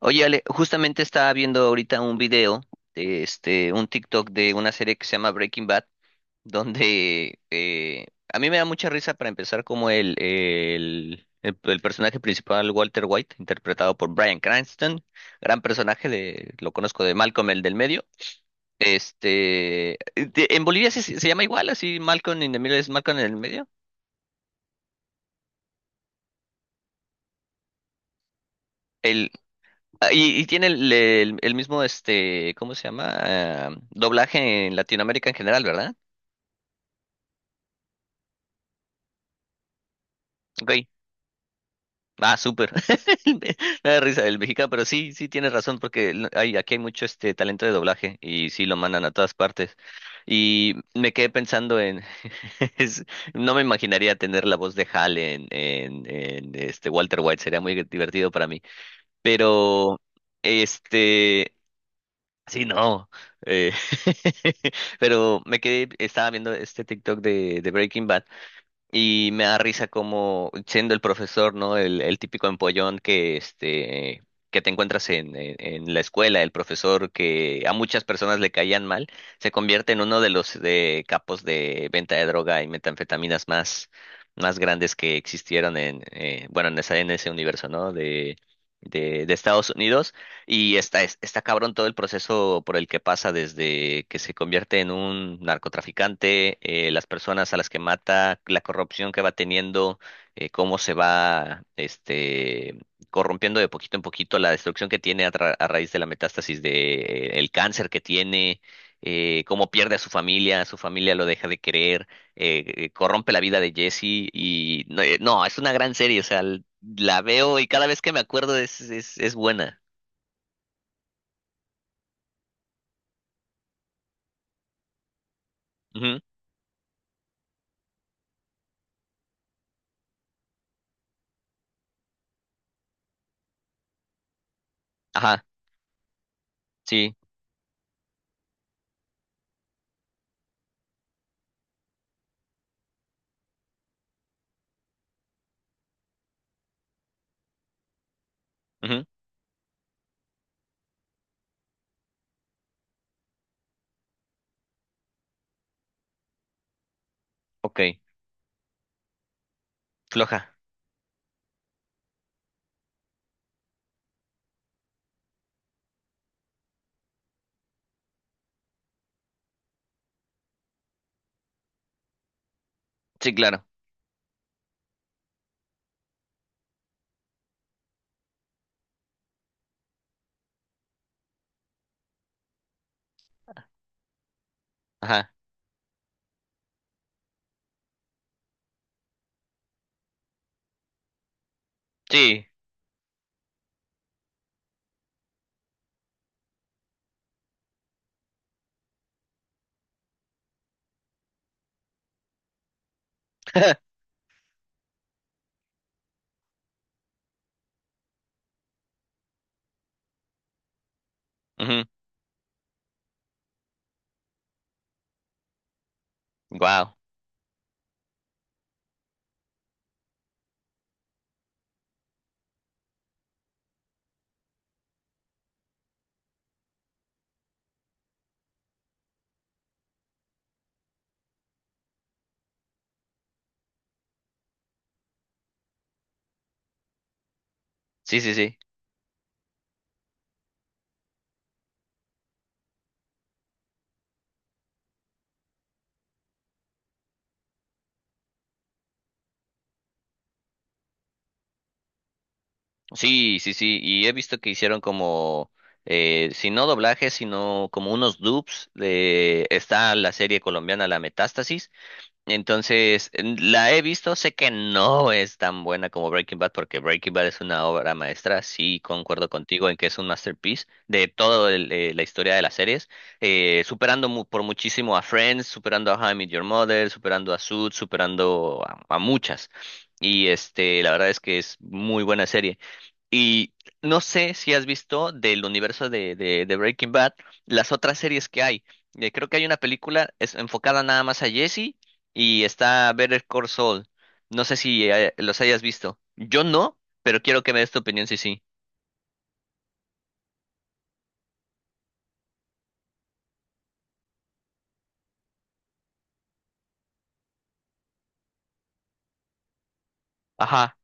Oye, Ale, justamente estaba viendo ahorita un video un TikTok de una serie que se llama Breaking Bad, donde a mí me da mucha risa para empezar como el personaje principal, Walter White, interpretado por Bryan Cranston, gran personaje de, lo conozco de Malcolm, el del medio. Este, en Bolivia se llama igual, así Malcolm in the Middle es Malcolm en el medio. El, y tiene el mismo, este, ¿cómo se llama? Ah, doblaje en Latinoamérica en general, ¿verdad? Ok. Ah, súper. Me da risa el mexicano, pero sí, sí tienes razón, porque aquí hay mucho este talento de doblaje y sí lo mandan a todas partes. Y me quedé pensando en, es- no me imaginaría tener la voz de Hal en este Walter White, sería muy divertido para mí. Pero, este, sí, no. eh, pero me quedé, estaba viendo este TikTok de Breaking Bad. Y me da risa como siendo el profesor, ¿no? El típico empollón que que te encuentras en la escuela, el profesor que a muchas personas le caían mal, se convierte en uno de los de capos de venta de droga y metanfetaminas más, más grandes que existieron en bueno en esa, en ese universo, ¿no? De, de Estados Unidos. Y está, está cabrón todo el proceso por el que pasa desde que se convierte en un narcotraficante, las personas a las que mata, la corrupción que va teniendo, cómo se va este, corrompiendo de poquito en poquito, la destrucción que tiene a, a raíz de la metástasis de, el cáncer que tiene, cómo pierde a su familia lo deja de querer, corrompe la vida de Jesse y no, no, es una gran serie, o sea, la veo y cada vez que me acuerdo es buena. Ajá, sí. Ujú. Ok. Floja. Sí, claro. Ajá. Sí. Ujú. Wow. Sí, sí, sí. Sí, sí, sí. Y he visto que hicieron como, si no doblajes, sino como unos dubs de… Está la serie colombiana La Metástasis. Entonces, la he visto, sé que no es tan buena como Breaking Bad, porque Breaking Bad es una obra maestra, sí concuerdo contigo en que es un masterpiece de toda la historia de las series, superando por muchísimo a Friends, superando a How I Met Your Mother, superando a Suits, superando a muchas. Y este, la verdad es que es muy buena serie. Y no sé si has visto del universo de, de Breaking Bad las otras series que hay. Creo que hay una película es enfocada nada más a Jesse y está Better Call Saul. No sé si los hayas visto. Yo no, pero quiero que me des tu opinión si sí. Ajá.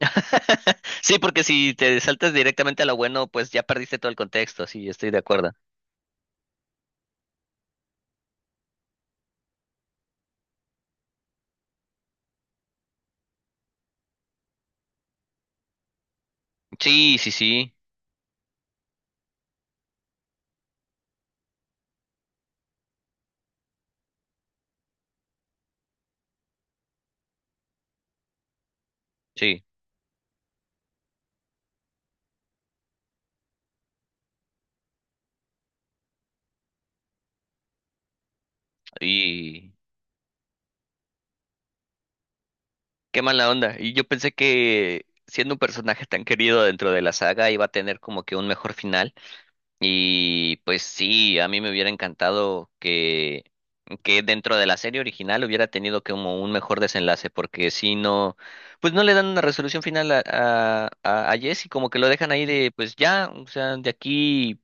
Sí, porque si te saltas directamente a lo bueno, pues ya perdiste todo el contexto. Sí, estoy de acuerdo. Sí, sí, sí, sí. Y qué mala onda. Y yo pensé que siendo un personaje tan querido dentro de la saga iba a tener como que un mejor final. Y pues sí, a mí me hubiera encantado que dentro de la serie original hubiera tenido como un mejor desenlace, porque si no, pues no le dan una resolución final a, a Jesse, como que lo dejan ahí de pues ya, o sea, de aquí.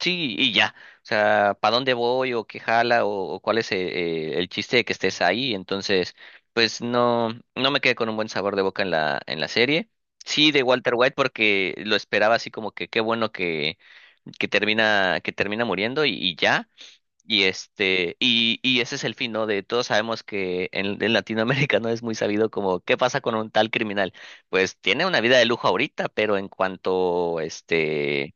Sí, y ya. O sea, ¿para dónde voy o qué jala o cuál es el chiste de que estés ahí? Entonces, pues no, no me quedé con un buen sabor de boca en la serie. Sí, de Walter White porque lo esperaba así como que qué bueno que termina muriendo y ya. Y este, y ese es el fin, ¿no? De todos sabemos que en Latinoamérica no es muy sabido como qué pasa con un tal criminal. Pues tiene una vida de lujo ahorita, pero en cuanto este…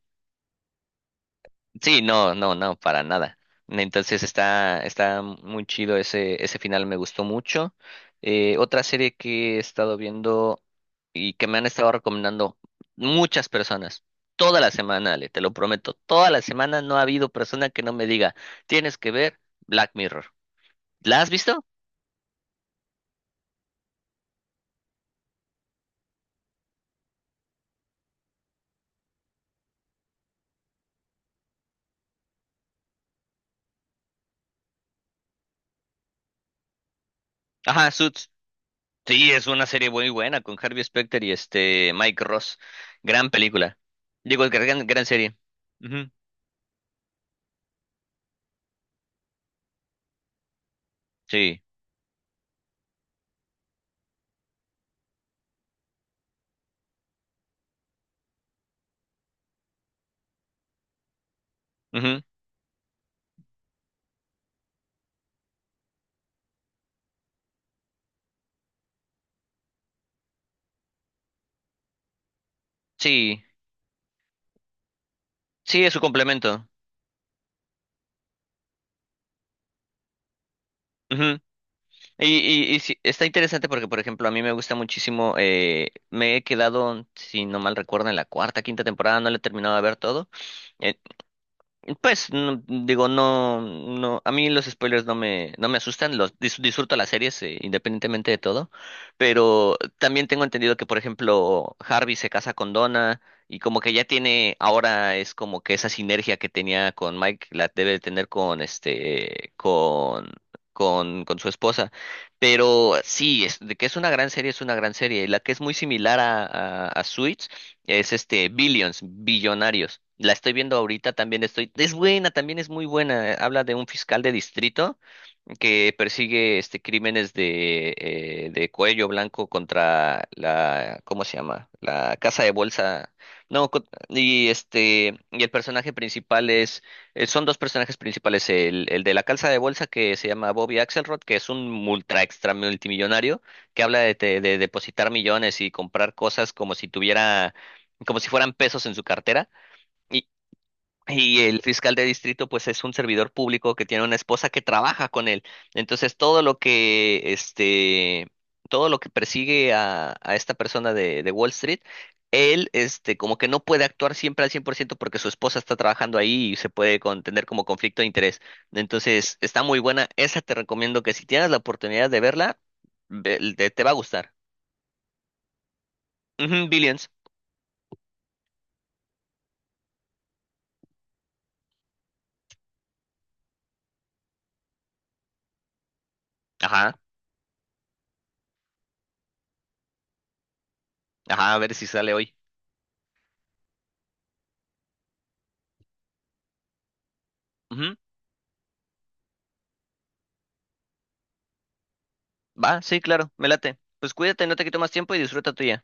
Sí, no, no, no, para nada. Entonces está, está muy chido ese, ese final, me gustó mucho. Otra serie que he estado viendo y que me han estado recomendando muchas personas, toda la semana, Ale, te lo prometo, toda la semana no ha habido persona que no me diga, tienes que ver Black Mirror. ¿La has visto? Ajá, Suits. Sí, es una serie muy buena con Harvey Specter y este Mike Ross. Gran película. Digo, gran, gran serie. Ujú. Sí. Ujú. Sí. Sí, es su complemento. Ujú. Y sí, está interesante porque, por ejemplo, a mí me gusta muchísimo, me he quedado, si no mal recuerdo, en la cuarta, quinta temporada, no la he terminado de ver todo, eh, pues digo, no, no, a mí los spoilers no me, no me asustan, los disfruto las series independientemente de todo, pero también tengo entendido que, por ejemplo, Harvey se casa con Donna y como que ya tiene, ahora es como que esa sinergia que tenía con Mike la debe de tener con este, con, con su esposa, pero sí, es, de que es una gran serie, es una gran serie, y la que es muy similar a, a Suits es este, Billions, Billonarios. La estoy viendo ahorita, también estoy. Es buena, también es muy buena. Eh, habla de un fiscal de distrito que persigue este crímenes de cuello blanco contra la, ¿cómo se llama? La casa de bolsa. No, y este, y el personaje principal es, son dos personajes principales, el de la casa de bolsa que se llama Bobby Axelrod, que es un multra extra multimillonario, que habla de, de depositar millones y comprar cosas como si tuviera como si fueran pesos en su cartera. Y, y el fiscal de distrito, pues es un servidor público que tiene una esposa que trabaja con él. Entonces, todo lo que, este, todo lo que persigue a esta persona de Wall Street, él, este, como que no puede actuar siempre al 100% porque su esposa está trabajando ahí y se puede contener como conflicto de interés. Entonces, está muy buena. Esa te recomiendo que si tienes la oportunidad de verla, te, te va a gustar. Ujú, Billions. Ajá, ajá, a ver si sale hoy. Va, sí, claro, me late. Pues cuídate, no te quito más tiempo y disfruta tuya.